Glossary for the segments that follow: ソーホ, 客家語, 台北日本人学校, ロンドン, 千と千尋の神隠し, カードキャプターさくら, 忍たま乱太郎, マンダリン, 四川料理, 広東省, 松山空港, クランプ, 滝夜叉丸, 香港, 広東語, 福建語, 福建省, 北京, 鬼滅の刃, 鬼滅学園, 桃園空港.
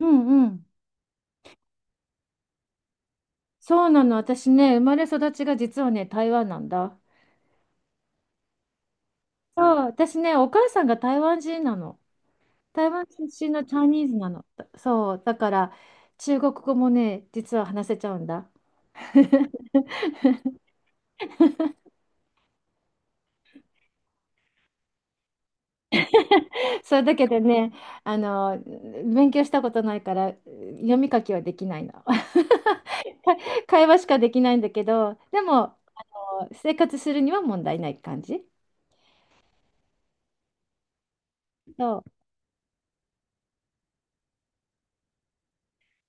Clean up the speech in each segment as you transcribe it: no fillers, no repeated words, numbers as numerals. うんうん。そうなの。私ね、生まれ育ちが実はね、台湾なんだ。そう、私ね、お母さんが台湾人なの。台湾出身のチャイニーズなの。だそう、だから中国語もね、実は話せちゃうんだ。それだけでね、勉強したことないから、読み書きはできないの。会話しかできないんだけど、でも、生活するには問題ない感じ。そう。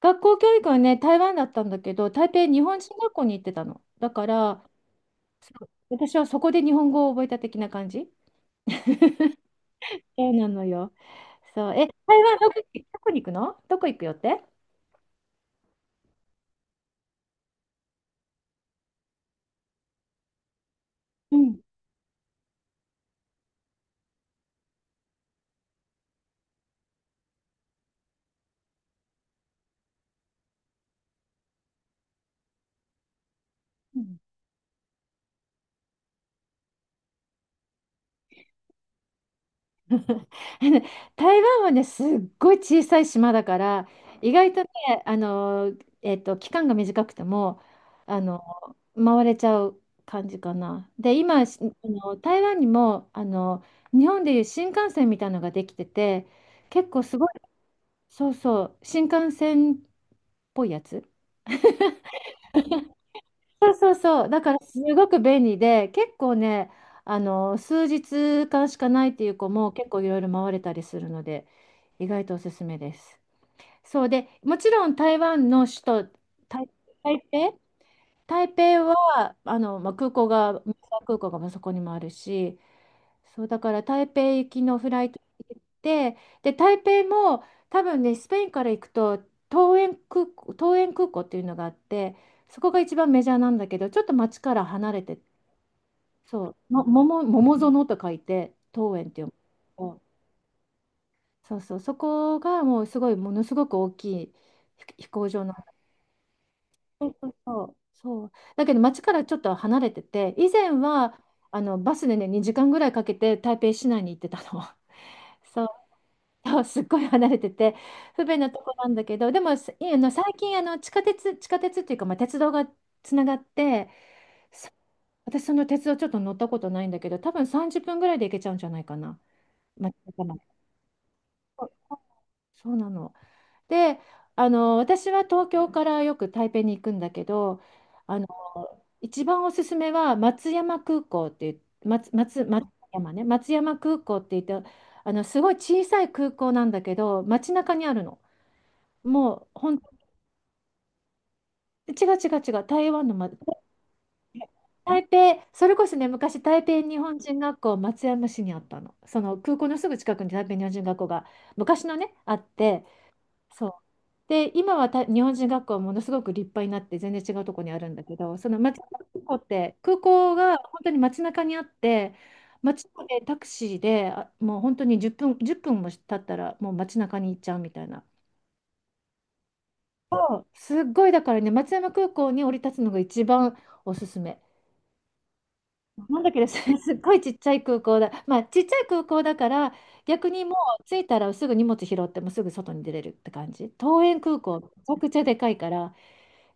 学校教育はね、台湾だったんだけど、台北日本人学校に行ってたの。だから、そう、私はそこで日本語を覚えた的な感じ。そうなのよ。そう。台湾どこ、どこに行くの、どこ行くよって。うん。うん あの台湾はね、すっごい小さい島だから、意外とね、あの、期間が短くても、あの、回れちゃう感じかな。で、今、しあの、台湾にも、日本でいう新幹線みたいなのができてて、結構すごい、そうそう、新幹線っぽいやつ。そうそうそう。だからすごく便利で、結構ね、数日間しかないっていう子も結構いろいろ回れたりするので、意外とおすすめです。そうで、もちろん台湾の首都、台、台北、台北は、まあ、空港がまあそこにもあるし、そうだから台北行きのフライトで行って、で台北も、多分ねスペインから行くと桃園空港、桃園空港っていうのがあって、そこが一番メジャーなんだけどちょっと街から離れて、そうも桃園と書いて桃園っていう、そうそう、そこがもうすごい、ものすごく大きい飛行場なの。そうそうそうそう。だけど街からちょっと離れてて、以前はあのバスでね2時間ぐらいかけて台北市内に行ってたの。そう。 そうすっごい離れてて不便なとこなんだけど、でもすあの最近あの地下鉄、地下鉄っていうか、まあ、鉄道がつながって、私その鉄道ちょっと乗ったことないんだけど、多分30分ぐらいで行けちゃうんじゃないかな、まあ、そう、そうなの。で、あの私は東京からよく台北に行くんだけど、あの一番おすすめは松山空港っていう、松山ね、松山空港って言って、あのすごい小さい空港なんだけど街中にあるの。もう本違う違う違う、台湾の、台北、それこそね、昔、台北日本人学校、松山市にあったの。その空港のすぐ近くに台北日本人学校が昔のね、あって、そう。で、今は日本人学校はものすごく立派になって、全然違うところにあるんだけど、その松山空港って、空港が本当に街中にあって、街までタクシーで、もう本当に10分、1分も経ったら、もう街中に行っちゃうみたいな。そうすっごい、だからね、松山空港に降り立つのが一番おすすめ。なんだっけですね、すっごいちっちゃい空港だ。まあ、ちっちゃい空港だから、逆にもう着いたらすぐ荷物拾ってもうすぐ外に出れるって感じ。桃園空港、めちゃくちゃでかいから、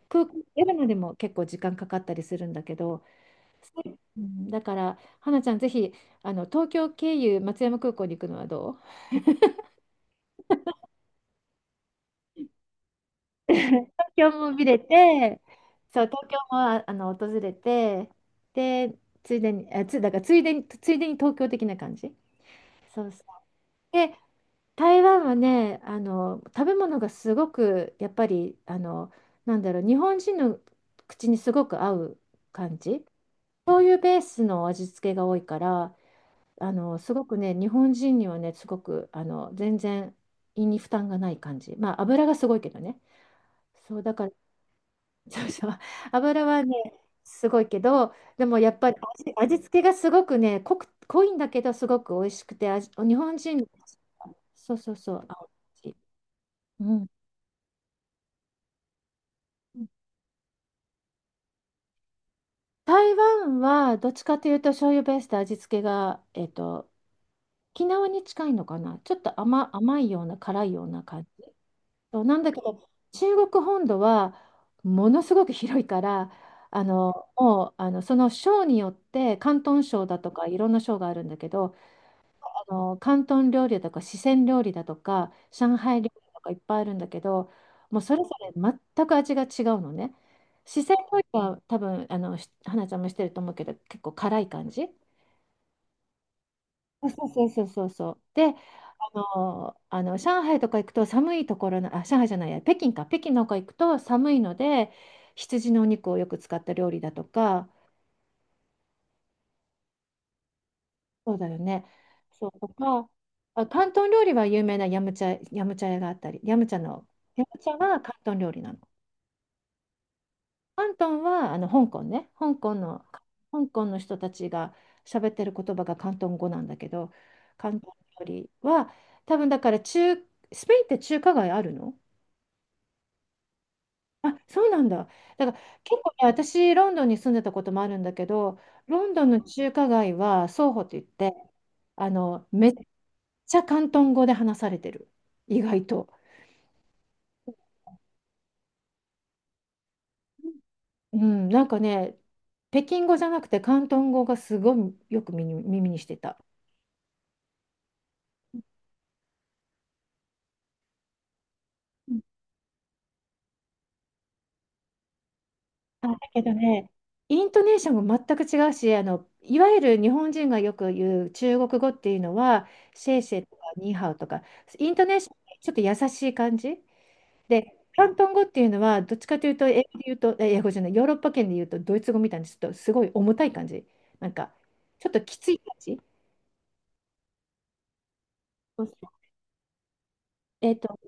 空港出るのでも結構時間かかったりするんだけど、うん、だから、花ちゃん、ぜひ、あの、東京経由松山空港に行くのはどう。東京も見れて、そう、東京もあの訪れて、で、ついでに、だからついでに、ついでに東京的な感じ。そうそう。で台湾はね、あの食べ物がすごくやっぱりあの、なんだろう、日本人の口にすごく合う感じ、そういうベースの味付けが多いから、あのすごくね日本人にはねすごくあの全然胃に負担がない感じ。まあ油がすごいけどね、そうだから。 そうそう、油はねすごいけど、でもやっぱり味付けがすごくね濃いんだけどすごく美味しくて、日本人そうそうそう合う感じ。うん。台湾はどっちかというと醤油ベースで味付けが、えっと、沖縄に近いのかな。ちょっと甘いような辛いような感じ。そうなんだけど、中国本土はものすごく広いから、あのもうあのその省によって、広東省だとかいろんな省があるんだけど、あの広東料理だとか四川料理だとか上海料理とかいっぱいあるんだけど、もうそれぞれ全く味が違うのね。四川料理は多分あのし花ちゃんもしてると思うけど結構辛い感じ。そうそうそうそうそう。で、あの上海とか行くと寒いところの、上海じゃないや、北京か、北京の方行くと寒いので、羊のお肉をよく使った料理だとか、そうだよね。そうとか、あ、広東料理は有名なヤムチャ、ヤムチャ屋があったり、ヤムチャの、ヤムチャは広東料理なの。広東はあの香港ね、香港の人たちが喋ってる言葉が広東語なんだけど、広東料理は多分、だから中、スペインって中華街あるの。あ、そうなんだ。だから結構ね、私、ロンドンに住んでたこともあるんだけど、ロンドンの中華街はソーホといって、あの、めちゃ広東語で話されてる。意外と。うん、なんかね、北京語じゃなくて広東語がすごいよく耳にしてた。うん。あ、だけどね、イントネーションも全く違うし、あの、いわゆる日本人がよく言う中国語っていうのは、シェイシェイとかニーハオとか、イントネーションがちょっと優しい感じ。で、広東語っていうのは、どっちかというと、英語で言うと、え英語じゃない、ヨーロッパ圏で言うと、ドイツ語みたいにちょっとすごい重たい感じ。なんか、ちょっときつい感じ。そうそう、えっと、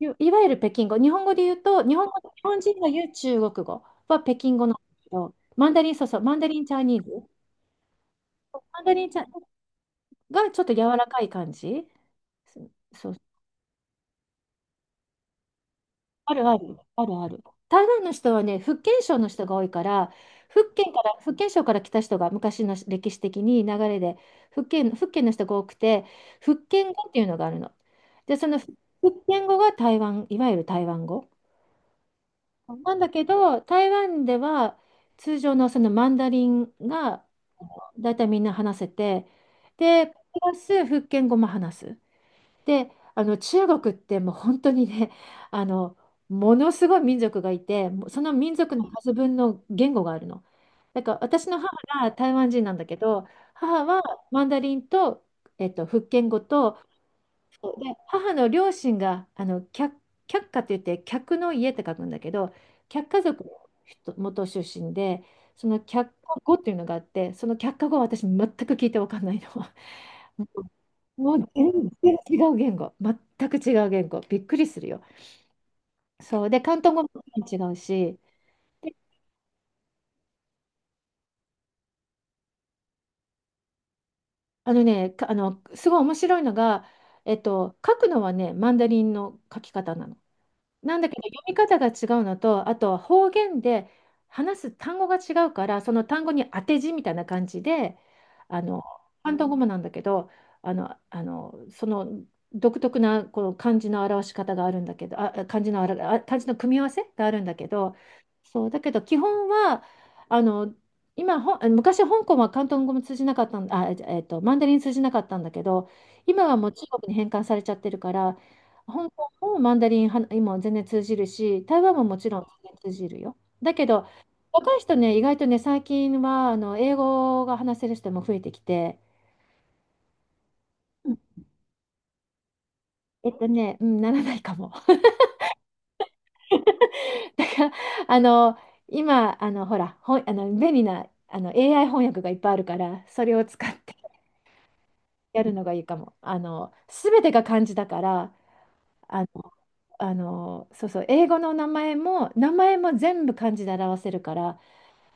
いわゆる北京語、日本語で言うと、日本語、日本人が言う中国語は北京語なんですけど、マンダリン、そうそう、マンダリンチャイニーズ、マンダリンチャがちょっと柔らかい感じ、そそう、あるある、あるある。台湾の人はね、福建省の人が多いから、福建省から来た人が昔の歴史的に流れで、福建の人が多くて、福建語っていうのがあるの。で、その福建語が台湾、いわゆる台湾語。なんだけど、台湾では通常のそのマンダリンがだいたいみんな話せて、で、プラス福建語も話す。で、あの中国ってもう本当にね、あの、ものすごい民族がいて、もうその民族の数分の言語があるの。だから私の母が台湾人なんだけど、母はマンダリンと、えっと、福建語と、で、母の両親が、あの、客家って言って、客の家って書くんだけど、客家族の人元出身で、その客家語っていうのがあって、その客家語は私全く聞いて分かんないの。もう全然違う言語、全く違う言語、びっくりするよ。そうで、広東語も違うし、あのね、かあのすごい面白いのが、えっと、書くのはね、マンダリンの書き方なの。なんだけど読み方が違うのと、あとは方言で話す単語が違うから、その単語に当て字みたいな感じで、あの、広東語もなんだけど、その独特なこの漢字の表し方があるんだけど、あ、漢字の表、あ、漢字の組み合わせがあるんだけど、そう、だけど基本は、あの、今、昔香港は広東語も通じなかったん、マンダリン通じなかったんだけど、今はもう中国に返還されちゃってるから、香もうマンダリンは今全然通じるし、台湾ももちろん全然通じるよ。だけど、若い人ね、意外とね、最近はあの英語が話せる人も増えてきて、うんうん、ならないかも。だから、あの、今、ほら、ほん、あの、便利な、AI 翻訳がいっぱいあるから、それを使ってやるのがいいかも。あの、すべてが漢字だから、あの、そうそう、英語の名前も、名前も全部漢字で表せるから、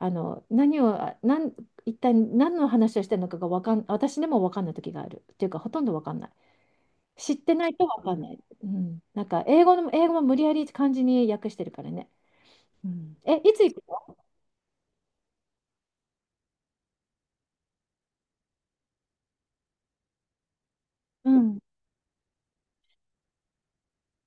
あの何をあなん一体何の話をしてるのかがわかん私でも分かんない時があるっていうかほとんど分かんない知ってないと分かんない、うん、なんか英語の英語も無理やり漢字に訳してるからね、うん、えいつ行くの、うん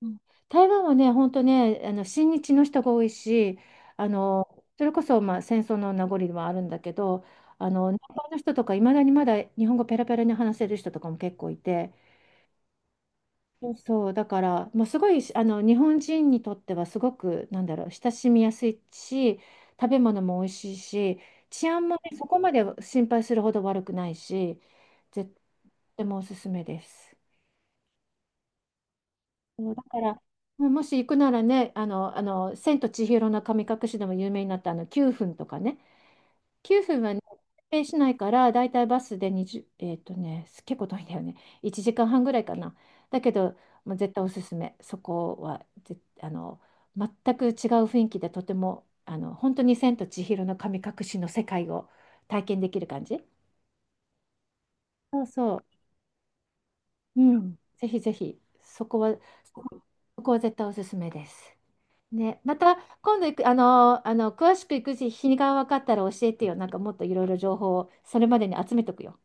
うん台湾はね本当ね親日の人が多いしあのそれこそ、まあ、戦争の名残ではあるんだけど南方の人とかいまだにまだ日本語ペラペラに話せる人とかも結構いてそう、だから、もうすごい日本人にとってはすごく、なんだろう、親しみやすいし、食べ物も美味しいし、治安もね、そこまで心配するほど悪くないし、絶対もおすすめです。そうだから、もし行くならね、千と千尋の神隠しでも有名になったあの9分とかね、9分はね、指定しないから、だいたいバスで20、結構遠いんだよね。1時間半ぐらいかな。だけど、もう絶対おすすめ。そこはぜ、あの、全く違う雰囲気で、とても、本当に千と千尋の神隠しの世界を体験できる感じ。そうそう。うん。ぜひぜひ、そこは絶対おすすめです。ね、また今度行く、あの、あの詳しく行く日にが分かったら教えてよ。なんかもっといろいろ情報をそれまでに集めとくよ。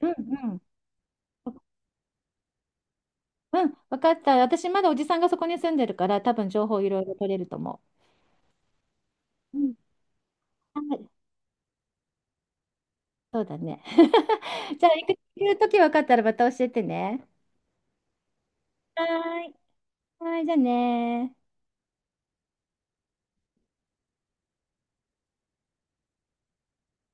うんうん。うん、分かった。私、まだおじさんがそこに住んでるから、多分情報いろいろ取れると思う。うん。はい、そうだね。じゃあ、行く時分かったらまた教えてね。はーい。はーい、じゃあねー